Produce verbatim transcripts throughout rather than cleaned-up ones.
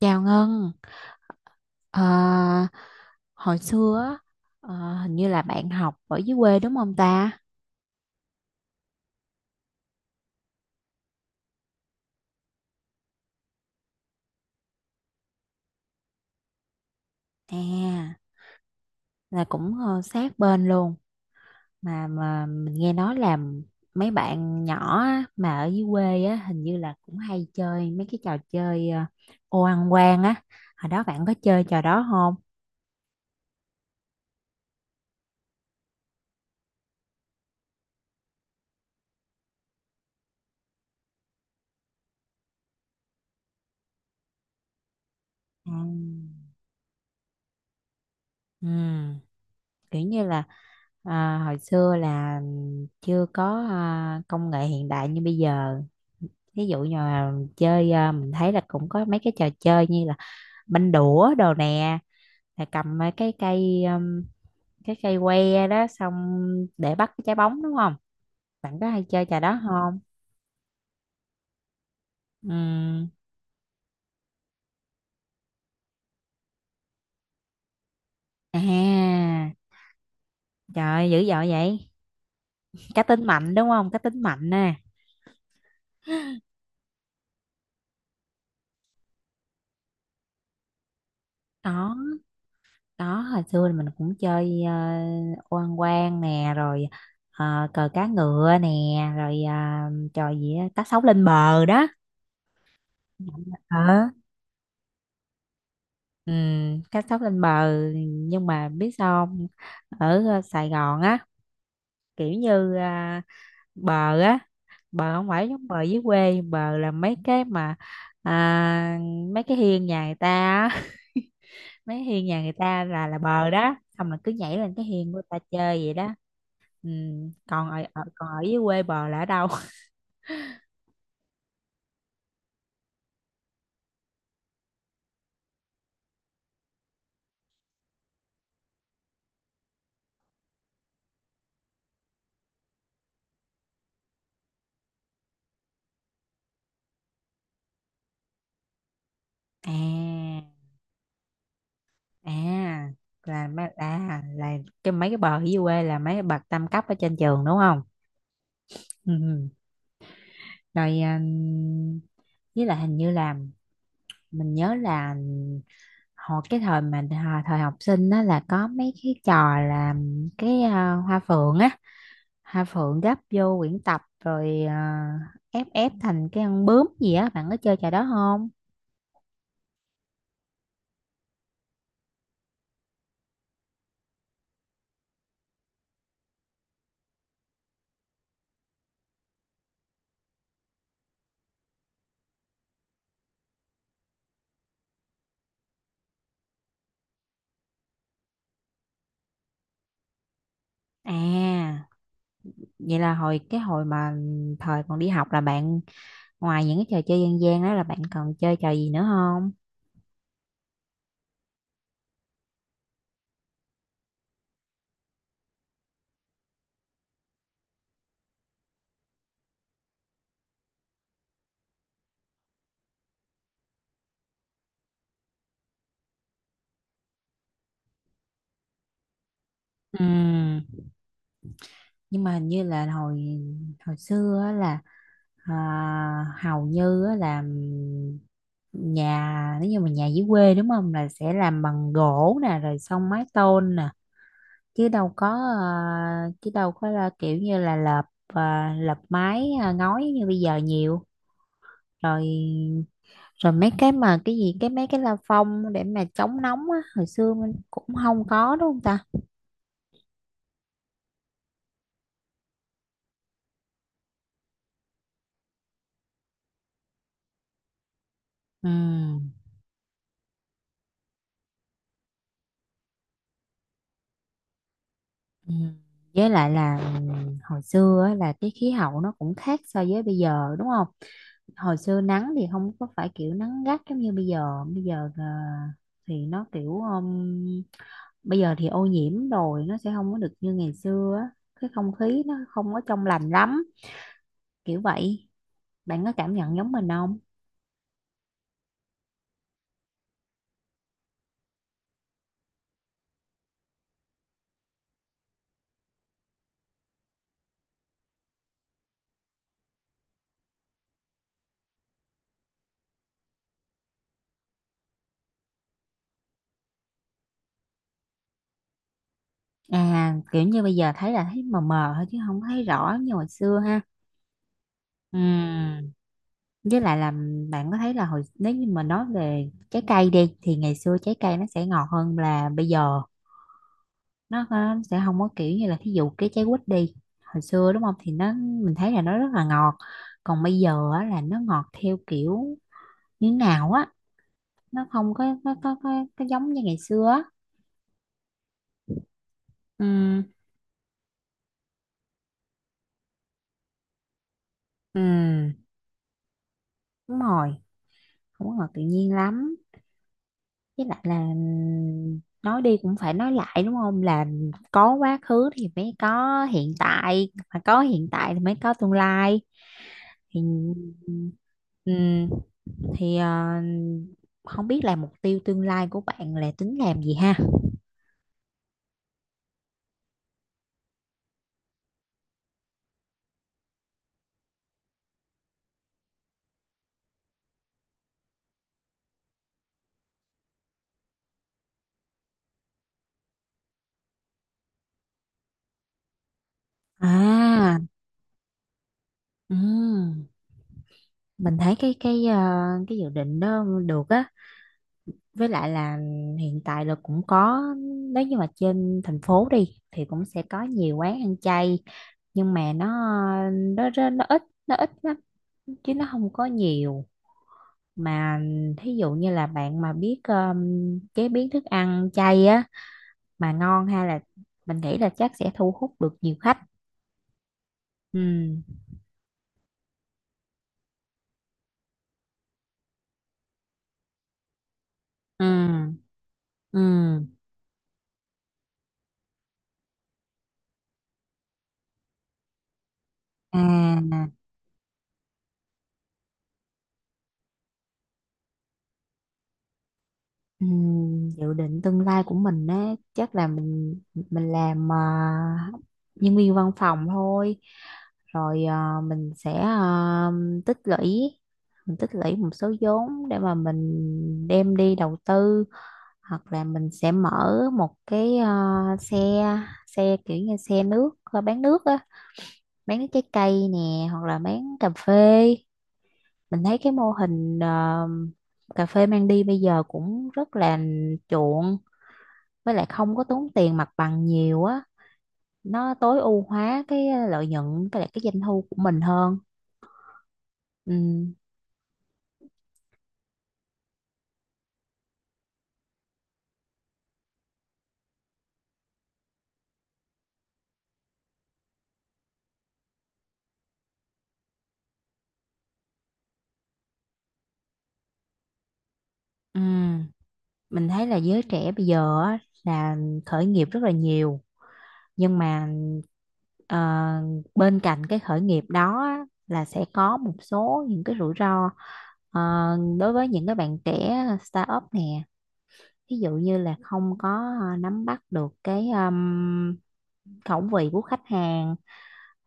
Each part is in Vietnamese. Chào Ngân. Ờ, Hồi xưa á, ờ, hình như là bạn học ở dưới quê đúng không ta? À, là cũng ờ, sát bên luôn. Mà mà mình nghe nói là mấy bạn nhỏ á, mà ở dưới quê á hình như là cũng hay chơi mấy cái trò chơi ờ, ô ăn quan á. Hồi đó bạn có chơi trò đó không? À. Ừ, kiểu như là à, hồi xưa là chưa có à, công nghệ hiện đại như bây giờ, ví dụ như là chơi, ờ, mình thấy là cũng có mấy cái trò chơi như là banh đũa đồ nè, là cầm mấy cái cây ừm, cái cây que đó, xong để bắt cái trái bóng đúng không? Bạn có hay chơi trò đó không? Ừm, à, trời ơi, dữ dội vậy. Cá tính mạnh đúng không, cá tính mạnh nè. Đó đó hồi xưa thì mình cũng chơi ờ, oan quan nè, rồi ờ, cờ cá ngựa nè, rồi ờ, trò gì á, cá sấu lên bờ đó. Ờ. Ừ, cá sấu lên bờ, nhưng mà biết sao không? Ở ờ, Sài Gòn á, kiểu như à, bờ á, bờ không phải giống bờ dưới quê. Bờ là mấy cái mà à, mấy cái hiên nhà người ta á. Mấy hiên nhà người ta là là bờ đó, xong là cứ nhảy lên cái hiên của người ta chơi vậy đó. Ừ. Còn ở, ở còn ở dưới quê bờ là ở đâu? À. À, là mấy à, là cái mấy cái bờ ở dưới quê là mấy cái bậc tam cấp ở trên trường đúng không? Ừ. ừ. Rồi à, với lại hình như là mình nhớ là hồi cái thời mà thời, thời học sinh á là có mấy cái trò là cái à, hoa phượng á, hoa phượng gấp vô quyển tập rồi à, ép ép thành cái con bướm gì á, bạn có chơi trò đó không? À, vậy là hồi cái hồi mà thời còn đi học là bạn, ngoài những cái trò chơi dân gian đó, là bạn còn chơi trò gì nữa không? Ừ, nhưng mà hình như là hồi hồi xưa á là à, hầu như á là nhà, nếu như mà nhà dưới quê đúng không, là sẽ làm bằng gỗ nè rồi xong mái tôn nè, chứ đâu có à, chứ đâu có là kiểu như là lợp à, lợp mái à, ngói như bây giờ nhiều. Rồi. Rồi mấy cái mà cái gì, cái mấy cái la phong để mà chống nóng á, hồi xưa mình cũng không có đúng không ta? Ừ. Ừ. Với lại là ừm, hồi xưa á, là cái khí hậu nó cũng khác so với bây giờ đúng không? Hồi xưa nắng thì không có phải kiểu nắng gắt giống như bây giờ. Bây giờ ờ, thì nó kiểu ừm, bây giờ thì ô nhiễm rồi nó sẽ không có được như ngày xưa á. Cái không khí nó không có trong lành lắm, kiểu vậy. Bạn có cảm nhận giống mình không? À kiểu như bây giờ thấy là thấy mờ mờ thôi chứ không thấy rõ như hồi xưa ha. Ừ. Với lại là bạn có thấy là hồi, nếu như mà nói về trái cây đi, thì ngày xưa trái cây nó sẽ ngọt hơn là bây giờ. Nó, nó sẽ không có kiểu như là, thí dụ cái trái quýt đi, hồi xưa đúng không thì nó, mình thấy là nó rất là ngọt, còn bây giờ á, là nó ngọt theo kiểu như nào á, nó không có có có, có, có giống như ngày xưa á. Ừ. Ừ, đúng rồi, không có ngọt tự nhiên lắm. Với lại là nói đi cũng phải nói lại đúng không, là có quá khứ thì mới có hiện tại, mà có hiện tại thì mới có tương lai. Thì ừm, thì ờ, không biết là mục tiêu tương lai của bạn là tính làm gì ha? À. ừm, mình thấy cái cái ờ, cái dự định đó được á. Với lại là hiện tại là cũng có, nếu như mà trên thành phố đi thì cũng sẽ có nhiều quán ăn chay, nhưng mà nó nó nó, nó ít, nó ít lắm, chứ nó không có nhiều. Mà thí dụ như là bạn mà biết um, chế biến thức ăn chay á, mà ngon, hay là mình nghĩ là chắc sẽ thu hút được nhiều khách. Ừ. Ừ. Ừ. À. Ừ, dự định tương lai của mình á chắc là mình mình làm à, nhân viên văn phòng thôi, rồi à, mình sẽ à, tích lũy, mình tích lũy một số vốn để mà mình đem đi đầu tư, hoặc là mình sẽ mở một cái à, xe xe kiểu như xe nước à, bán nước á, bán nước trái cây nè hoặc là bán cà phê. Mình thấy cái mô hình à, cà phê mang đi bây giờ cũng rất là chuộng, với lại không có tốn tiền mặt bằng nhiều á, nó tối ưu hóa cái lợi nhuận với lại cái doanh thu của mình hơn. Ừ. Ừ. Mình thấy là giới trẻ bây giờ á, là khởi nghiệp rất là nhiều, nhưng mà ờ, bên cạnh cái khởi nghiệp đó á, là sẽ có một số những cái rủi ro, ờ, đối với những cái bạn trẻ startup nè, ví dụ như là không có ờ, nắm bắt được cái um, khẩu vị của khách hàng,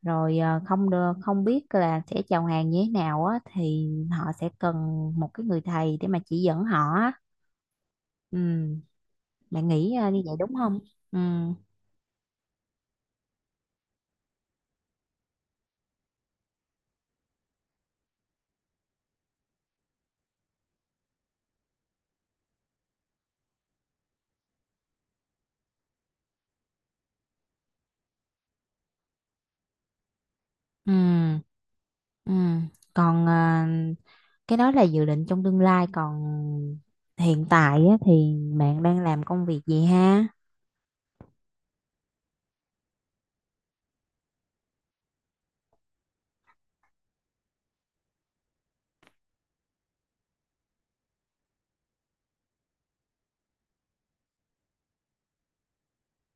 rồi ờ, không được, không biết là sẽ chào hàng như thế nào á, thì họ sẽ cần một cái người thầy để mà chỉ dẫn họ á. Ừ, bạn nghĩ ờ, như vậy đúng không? Ừ. Ừ. Ừ. Còn ờ, cái đó là dự định trong tương lai, còn hiện tại á, thì bạn đang làm công việc gì ha?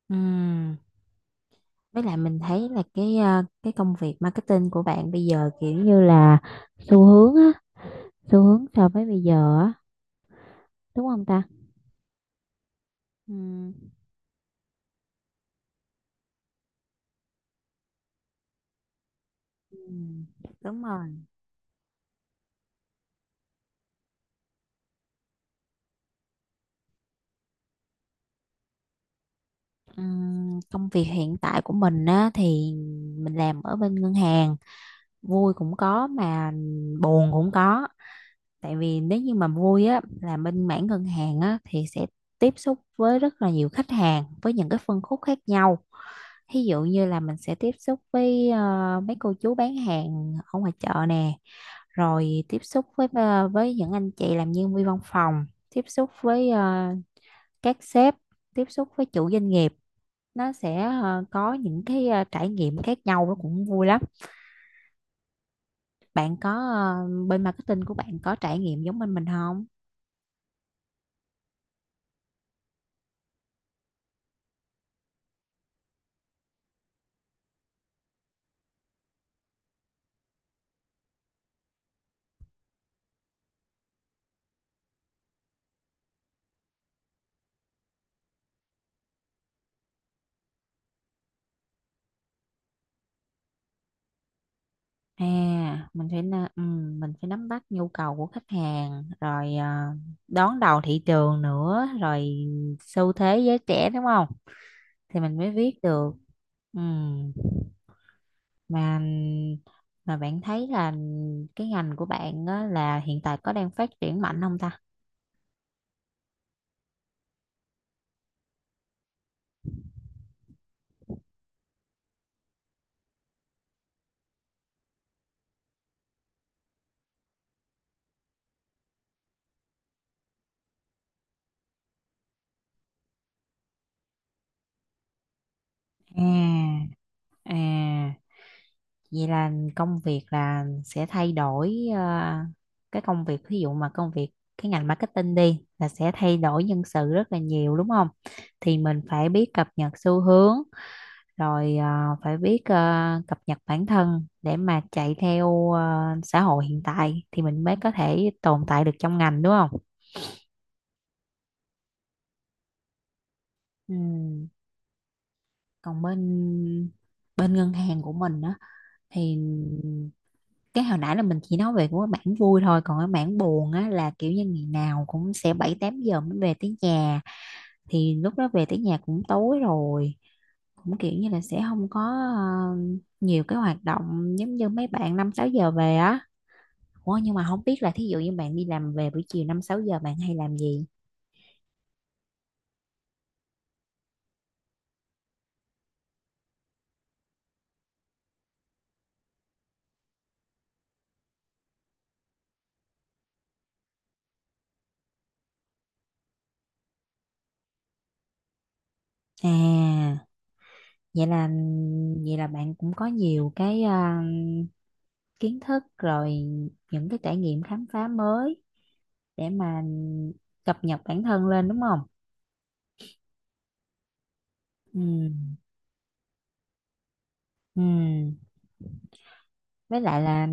Ừ, với lại mình thấy là cái ờ, cái công việc marketing của bạn bây giờ kiểu như là xu hướng á, xu hướng so với bây giờ á, đúng không ta? Ừ. Ừ, đúng rồi. Ừm, công việc hiện tại của mình á, thì mình làm ở bên ngân hàng, vui cũng có mà buồn cũng có. Tại vì nếu như mà vui á, là bên mảng ngân hàng á, thì sẽ tiếp xúc với rất là nhiều khách hàng với những cái phân khúc khác nhau. Ví dụ như là mình sẽ tiếp xúc với ờ, mấy cô chú bán hàng ở ngoài chợ nè, rồi tiếp xúc với ờ, với những anh chị làm nhân viên văn phòng, tiếp xúc với ờ, các sếp, tiếp xúc với chủ doanh nghiệp. Nó sẽ ờ, có những cái ờ, trải nghiệm khác nhau, nó cũng vui lắm. Bạn có ờ, bên marketing của bạn có trải nghiệm giống bên mình không? À mình phải na- ừ, mình phải nắm bắt nhu cầu của khách hàng, rồi ờ, đón đầu thị trường nữa, rồi xu thế giới trẻ đúng không, thì mình mới viết được. Ừ. mà mà bạn thấy là cái ngành của bạn á, là hiện tại có đang phát triển mạnh không ta? À. À, vậy là công việc là sẽ thay đổi ờ, cái công việc, ví dụ mà công việc cái ngành marketing đi, là sẽ thay đổi nhân sự rất là nhiều đúng không? Thì mình phải biết cập nhật xu hướng, rồi ờ, phải biết ờ, cập nhật bản thân để mà chạy theo ờ, xã hội hiện tại, thì mình mới có thể tồn tại được trong ngành đúng không? Ừ. Còn bên bên ngân hàng của mình á, thì cái hồi nãy là mình chỉ nói về của cái mảng vui thôi, còn cái mảng buồn á là kiểu như ngày nào cũng sẽ bảy tám giờ mới về tới nhà, thì lúc đó về tới nhà cũng tối rồi, cũng kiểu như là sẽ không có ờ, nhiều cái hoạt động giống như mấy bạn năm sáu giờ về á. Ủa nhưng mà không biết là thí dụ như bạn đi làm về buổi chiều năm sáu giờ bạn hay làm gì? À, vậy là vậy là bạn cũng có nhiều cái ờ, kiến thức rồi, những cái trải nghiệm khám phá mới để mà cập nhật bản thân lên đúng không? Ừ. Ừ. Với lại là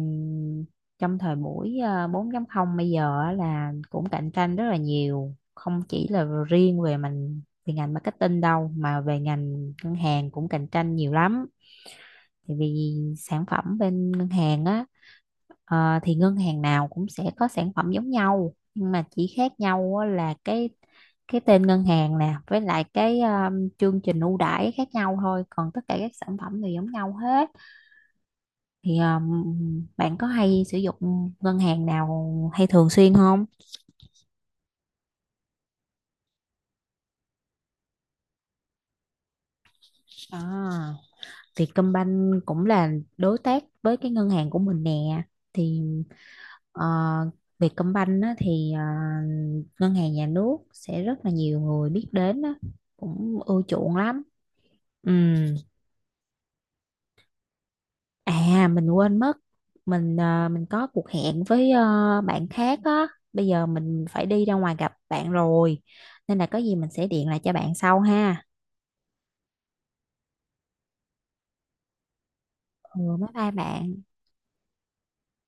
trong thời buổi ờ, bốn chấm không bây giờ á là cũng cạnh tranh rất là nhiều, không chỉ là riêng về mình về ngành marketing đâu mà về ngành ngân hàng cũng cạnh tranh nhiều lắm. Tại vì sản phẩm bên ngân hàng á, ờ, thì ngân hàng nào cũng sẽ có sản phẩm giống nhau, nhưng mà chỉ khác nhau á là cái cái tên ngân hàng nè với lại cái um, chương trình ưu đãi khác nhau thôi, còn tất cả các sản phẩm đều giống nhau hết. Thì um, bạn có hay sử dụng ngân hàng nào hay thường xuyên không? À, Vietcombank cũng là đối tác với cái ngân hàng của mình nè, thì Ờ, Vietcombank á, thì ờ, ngân hàng nhà nước sẽ rất là nhiều người biết đến á, cũng ưa chuộng lắm. Ừ. À mình quên mất, mình ờ, mình có cuộc hẹn với ờ, bạn khác á, bây giờ mình phải đi ra ngoài gặp bạn rồi, nên là có gì mình sẽ điện lại cho bạn sau ha. Ừ bye bye bạn.